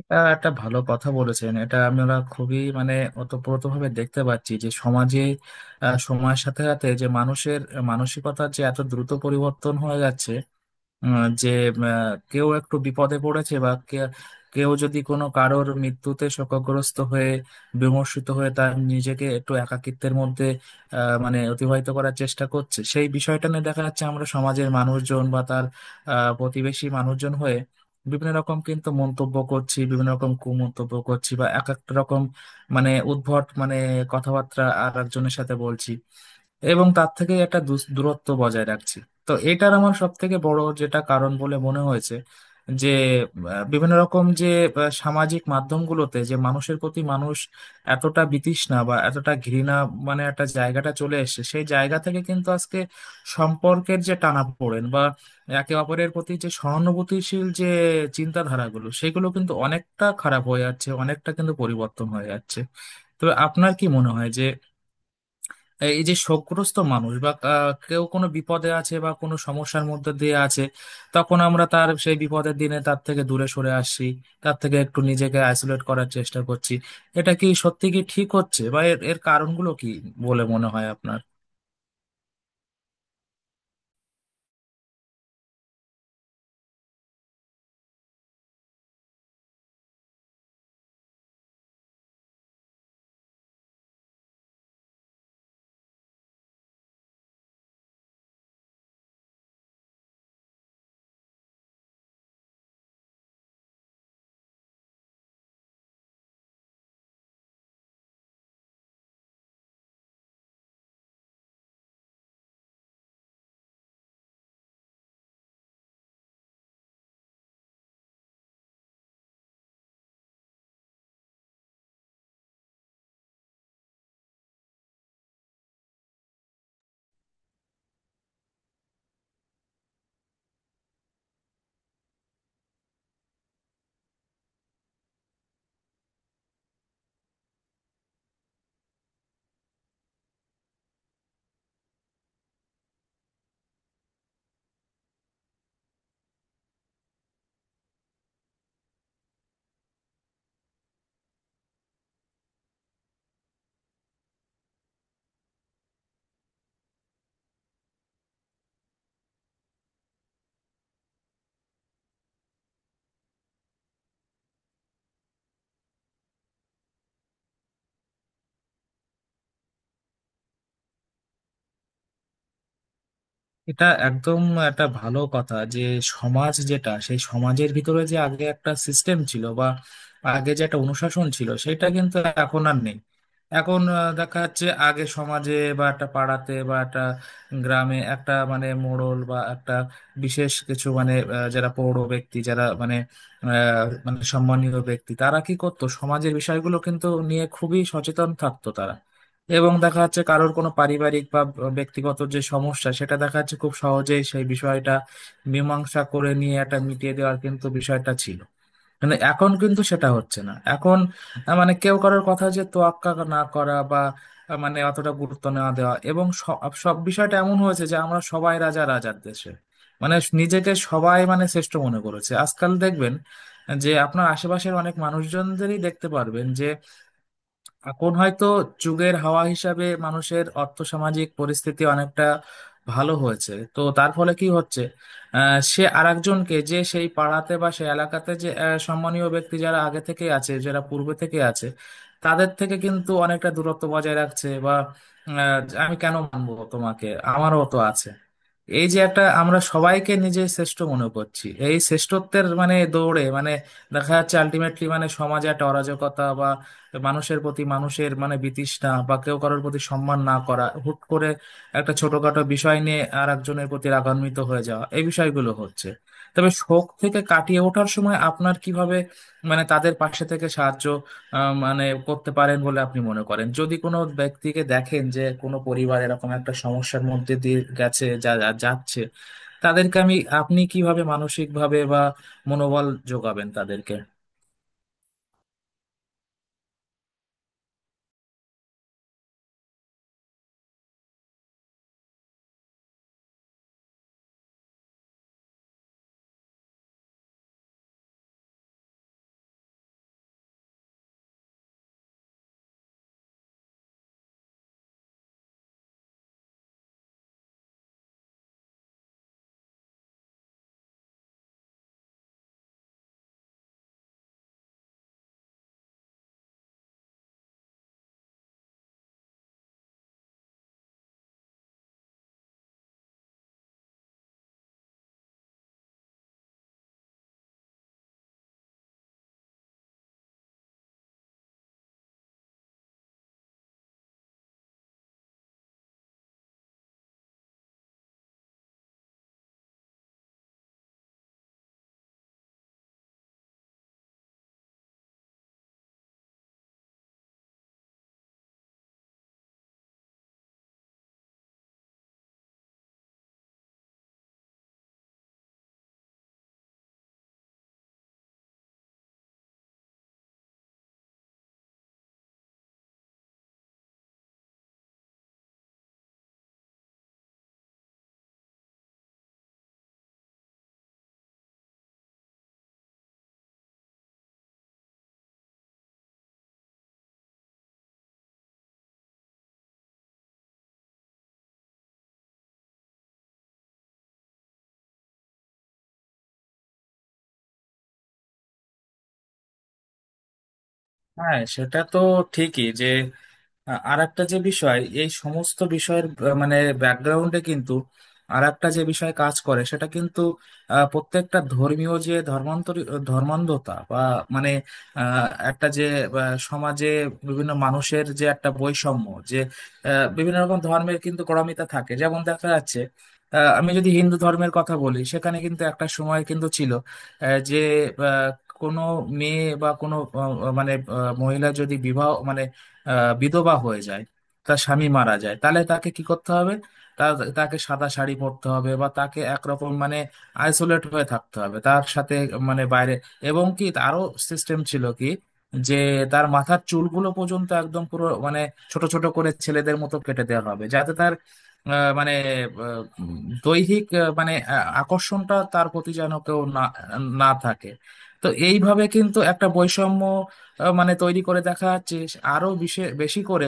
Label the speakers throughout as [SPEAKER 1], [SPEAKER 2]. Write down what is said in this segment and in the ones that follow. [SPEAKER 1] এটা একটা ভালো কথা বলেছেন। এটা আমরা খুবই মানে ওতপ্রোতভাবে দেখতে পাচ্ছি যে সমাজে সময়ের সাথে সাথে যে মানুষের মানসিকতার যে এত দ্রুত পরিবর্তন হয়ে যাচ্ছে, যে আহ, কেউ একটু বিপদে পড়েছে বা কেউ যদি কোনো কারোর মৃত্যুতে শোকগ্রস্ত হয়ে বিমর্ষিত হয়ে তার নিজেকে একটু একাকিত্বের মধ্যে মানে অতিবাহিত করার চেষ্টা করছে, সেই বিষয়টা নিয়ে দেখা যাচ্ছে আমরা সমাজের মানুষজন বা তার প্রতিবেশী মানুষজন হয়ে বিভিন্ন রকম কিন্তু মন্তব্য করছি, বিভিন্ন রকম কুমন্তব্য করছি বা এক একটা রকম মানে উদ্ভট মানে কথাবার্তা আর একজনের সাথে বলছি এবং তার থেকে একটা দূরত্ব বজায় রাখছি। তো এটার আমার সব থেকে বড় যেটা কারণ বলে মনে হয়েছে যে বিভিন্ন রকম যে সামাজিক মাধ্যমগুলোতে যে মানুষের প্রতি মানুষ এতটা বিতৃষ্ণা বা এতটা ঘৃণা মানে একটা জায়গাটা চলে এসেছে। সেই জায়গা থেকে কিন্তু আজকে সম্পর্কের যে টানাপোড়েন বা একে অপরের প্রতি যে সহানুভূতিশীল যে চিন্তাধারাগুলো, সেগুলো কিন্তু অনেকটা খারাপ হয়ে যাচ্ছে, অনেকটা কিন্তু পরিবর্তন হয়ে যাচ্ছে। তো আপনার কি মনে হয় যে এই যে শোকগ্রস্ত মানুষ বা কেউ কোনো বিপদে আছে বা কোনো সমস্যার মধ্যে দিয়ে আছে, তখন আমরা তার সেই বিপদের দিনে তার থেকে দূরে সরে আসছি, তার থেকে একটু নিজেকে আইসোলেট করার চেষ্টা করছি, এটা কি সত্যি কি ঠিক হচ্ছে বা এর এর কারণগুলো কি বলে মনে হয় আপনার? এটা একদম একটা ভালো কথা যে সমাজ, যেটা সেই সমাজের ভিতরে যে আগে একটা সিস্টেম ছিল বা আগে যে একটা অনুশাসন ছিল, সেটা কিন্তু এখন আর নেই। এখন দেখা যাচ্ছে আগে সমাজে বা একটা পাড়াতে বা একটা গ্রামে একটা মানে মোড়ল বা একটা বিশেষ কিছু মানে যারা পৌর ব্যক্তি, যারা মানে আহ, মানে সম্মানীয় ব্যক্তি, তারা কি করতো, সমাজের বিষয়গুলো কিন্তু নিয়ে খুবই সচেতন থাকতো তারা এবং দেখা যাচ্ছে কারোর কোনো পারিবারিক বা ব্যক্তিগত যে সমস্যা, সেটা দেখা যাচ্ছে খুব সহজেই সেই বিষয়টা মীমাংসা করে নিয়ে এটা মিটিয়ে দেওয়ার কিন্তু বিষয়টা ছিল। মানে এখন কিন্তু সেটা হচ্ছে না। এখন মানে কেউ কারোর কথা যে তোয়াক্কা না করা বা মানে অতটা গুরুত্ব না দেওয়া এবং সব সব বিষয়টা এমন হয়েছে যে আমরা সবাই রাজা রাজার দেশে, মানে নিজেকে সবাই মানে শ্রেষ্ঠ মনে করেছে। আজকাল দেখবেন যে আপনার আশেপাশের অনেক মানুষজনদেরই দেখতে পারবেন, এখন হয়তো যুগের হাওয়া হিসাবে মানুষের অর্থসামাজিক পরিস্থিতি অনেকটা ভালো হয়েছে। তো তার ফলে কি হচ্ছে, সে আরেকজনকে যে সেই পাড়াতে বা সেই এলাকাতে যে সম্মানীয় ব্যক্তি যারা আগে থেকে আছে, যারা পূর্বে থেকে আছে, তাদের থেকে কিন্তু অনেকটা দূরত্ব বজায় রাখছে বা আহ, আমি কেন মানবো তোমাকে, আমারও তো আছে। এই যে একটা আমরা সবাইকে নিজে শ্রেষ্ঠ মনে করছি, এই শ্রেষ্ঠত্বের মানে দৌড়ে মানে দেখা যাচ্ছে আলটিমেটলি মানে সমাজে একটা অরাজকতা, মানুষের প্রতি মানুষের মানে বিতৃষ্ণা বা কেউ কারোর প্রতি সম্মান না করা, হুট করে একটা ছোটখাটো বিষয় নিয়ে আর একজনের প্রতি রাগান্বিত হয়ে যাওয়া, এই বিষয়গুলো হচ্ছে। তবে শোক থেকে কাটিয়ে ওঠার সময় আপনার কিভাবে মানে তাদের পাশে থেকে সাহায্য মানে করতে পারেন বলে আপনি মনে করেন? যদি কোনো ব্যক্তিকে দেখেন যে কোনো পরিবার এরকম একটা সমস্যার মধ্যে দিয়ে গেছে, যা যা- যাচ্ছে, তাদেরকে আমি আপনি কিভাবে মানসিক ভাবে বা মনোবল যোগাবেন তাদেরকে? হ্যাঁ, সেটা তো ঠিকই যে আর একটা যে বিষয় এই সমস্ত বিষয়ের মানে ব্যাকগ্রাউন্ডে কিন্তু আর একটা যে বিষয় কাজ করে, সেটা কিন্তু প্রত্যেকটা ধর্মীয় যে ধর্মান্তর, ধর্মান্ধতা বা মানে আহ, একটা যে সমাজে বিভিন্ন মানুষের যে একটা বৈষম্য, যে বিভিন্ন রকম ধর্মের কিন্তু গোঁড়ামিতা থাকে, যেমন দেখা যাচ্ছে আমি যদি হিন্দু ধর্মের কথা বলি, সেখানে কিন্তু একটা সময় কিন্তু ছিল যে আহ, কোনো মেয়ে বা কোনো মানে মহিলা যদি বিবাহ মানে বিধবা হয়ে যায়, তার স্বামী মারা যায়, তাহলে তাকে কি করতে হবে, তাকে সাদা শাড়ি পরতে হবে বা তাকে একরকম মানে আইসোলেট হয়ে থাকতে হবে, তার সাথে মানে বাইরে এবং কি আরো সিস্টেম ছিল কি, যে তার মাথার চুলগুলো পর্যন্ত একদম পুরো মানে ছোট ছোট করে ছেলেদের মতো কেটে দেওয়া হবে, যাতে তার মানে আহ, দৈহিক মানে আকর্ষণটা তার প্রতি যেন কেউ না না থাকে। তো এইভাবে কিন্তু একটা বৈষম্য মানে তৈরি করে দেখা যাচ্ছে আরো বেশি করে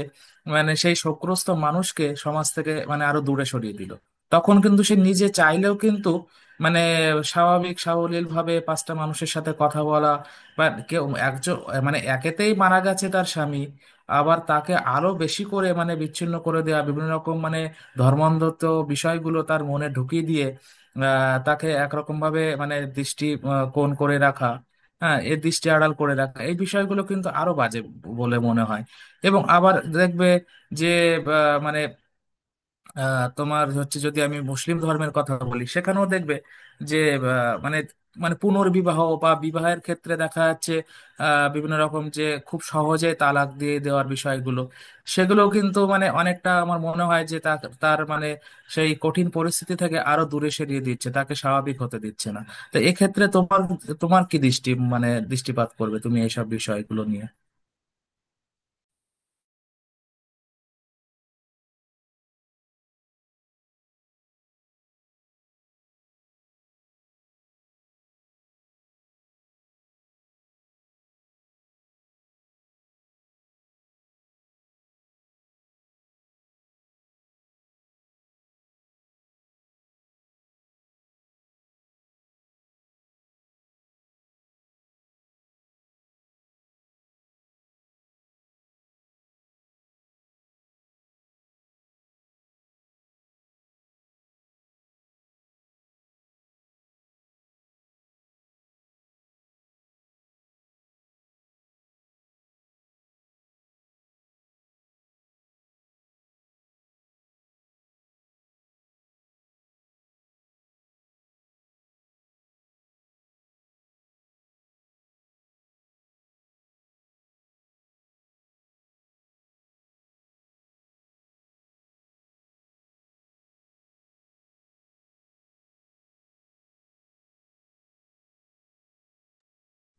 [SPEAKER 1] মানে সেই শোকগ্রস্ত মানুষকে সমাজ থেকে মানে আরো দূরে সরিয়ে দিল। তখন কিন্তু সে নিজে চাইলেও কিন্তু মানে স্বাভাবিক সাবলীল ভাবে পাঁচটা মানুষের সাথে কথা বলা বা কেউ একজন মানে একেতেই মারা গেছে তার স্বামী, আবার তাকে আরো বেশি করে মানে বিচ্ছিন্ন করে দেওয়া, বিভিন্ন রকম মানে ধর্মান্ধত্ব বিষয়গুলো তার মনে ঢুকিয়ে দিয়ে তাকে একরকম ভাবে মানে দৃষ্টি কোণ করে রাখা, হ্যাঁ এর দৃষ্টি আড়াল করে রাখা, এই বিষয়গুলো কিন্তু আরো বাজে বলে মনে হয়। এবং আবার দেখবে যে মানে তোমার হচ্ছে যদি আমি মুসলিম ধর্মের কথা বলি, সেখানেও দেখবে যে আহ, মানে মানে পুনর্বিবাহ বা বিবাহের ক্ষেত্রে দেখা যাচ্ছে বিভিন্ন রকম যে খুব সহজে তালাক দিয়ে দেওয়ার বিষয়গুলো, সেগুলো কিন্তু মানে অনেকটা আমার মনে হয় যে তার মানে সেই কঠিন পরিস্থিতি থেকে আরো দূরে সরিয়ে দিচ্ছে, তাকে স্বাভাবিক হতে দিচ্ছে না। তো এক্ষেত্রে তোমার তোমার কি দৃষ্টি মানে দৃষ্টিপাত করবে তুমি এইসব বিষয়গুলো নিয়ে?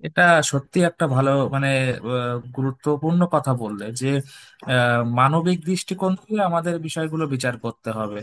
[SPEAKER 1] এটা সত্যি একটা ভালো মানে গুরুত্বপূর্ণ কথা বললে যে মানবিক দৃষ্টিকোণ থেকে আমাদের বিষয়গুলো বিচার করতে হবে।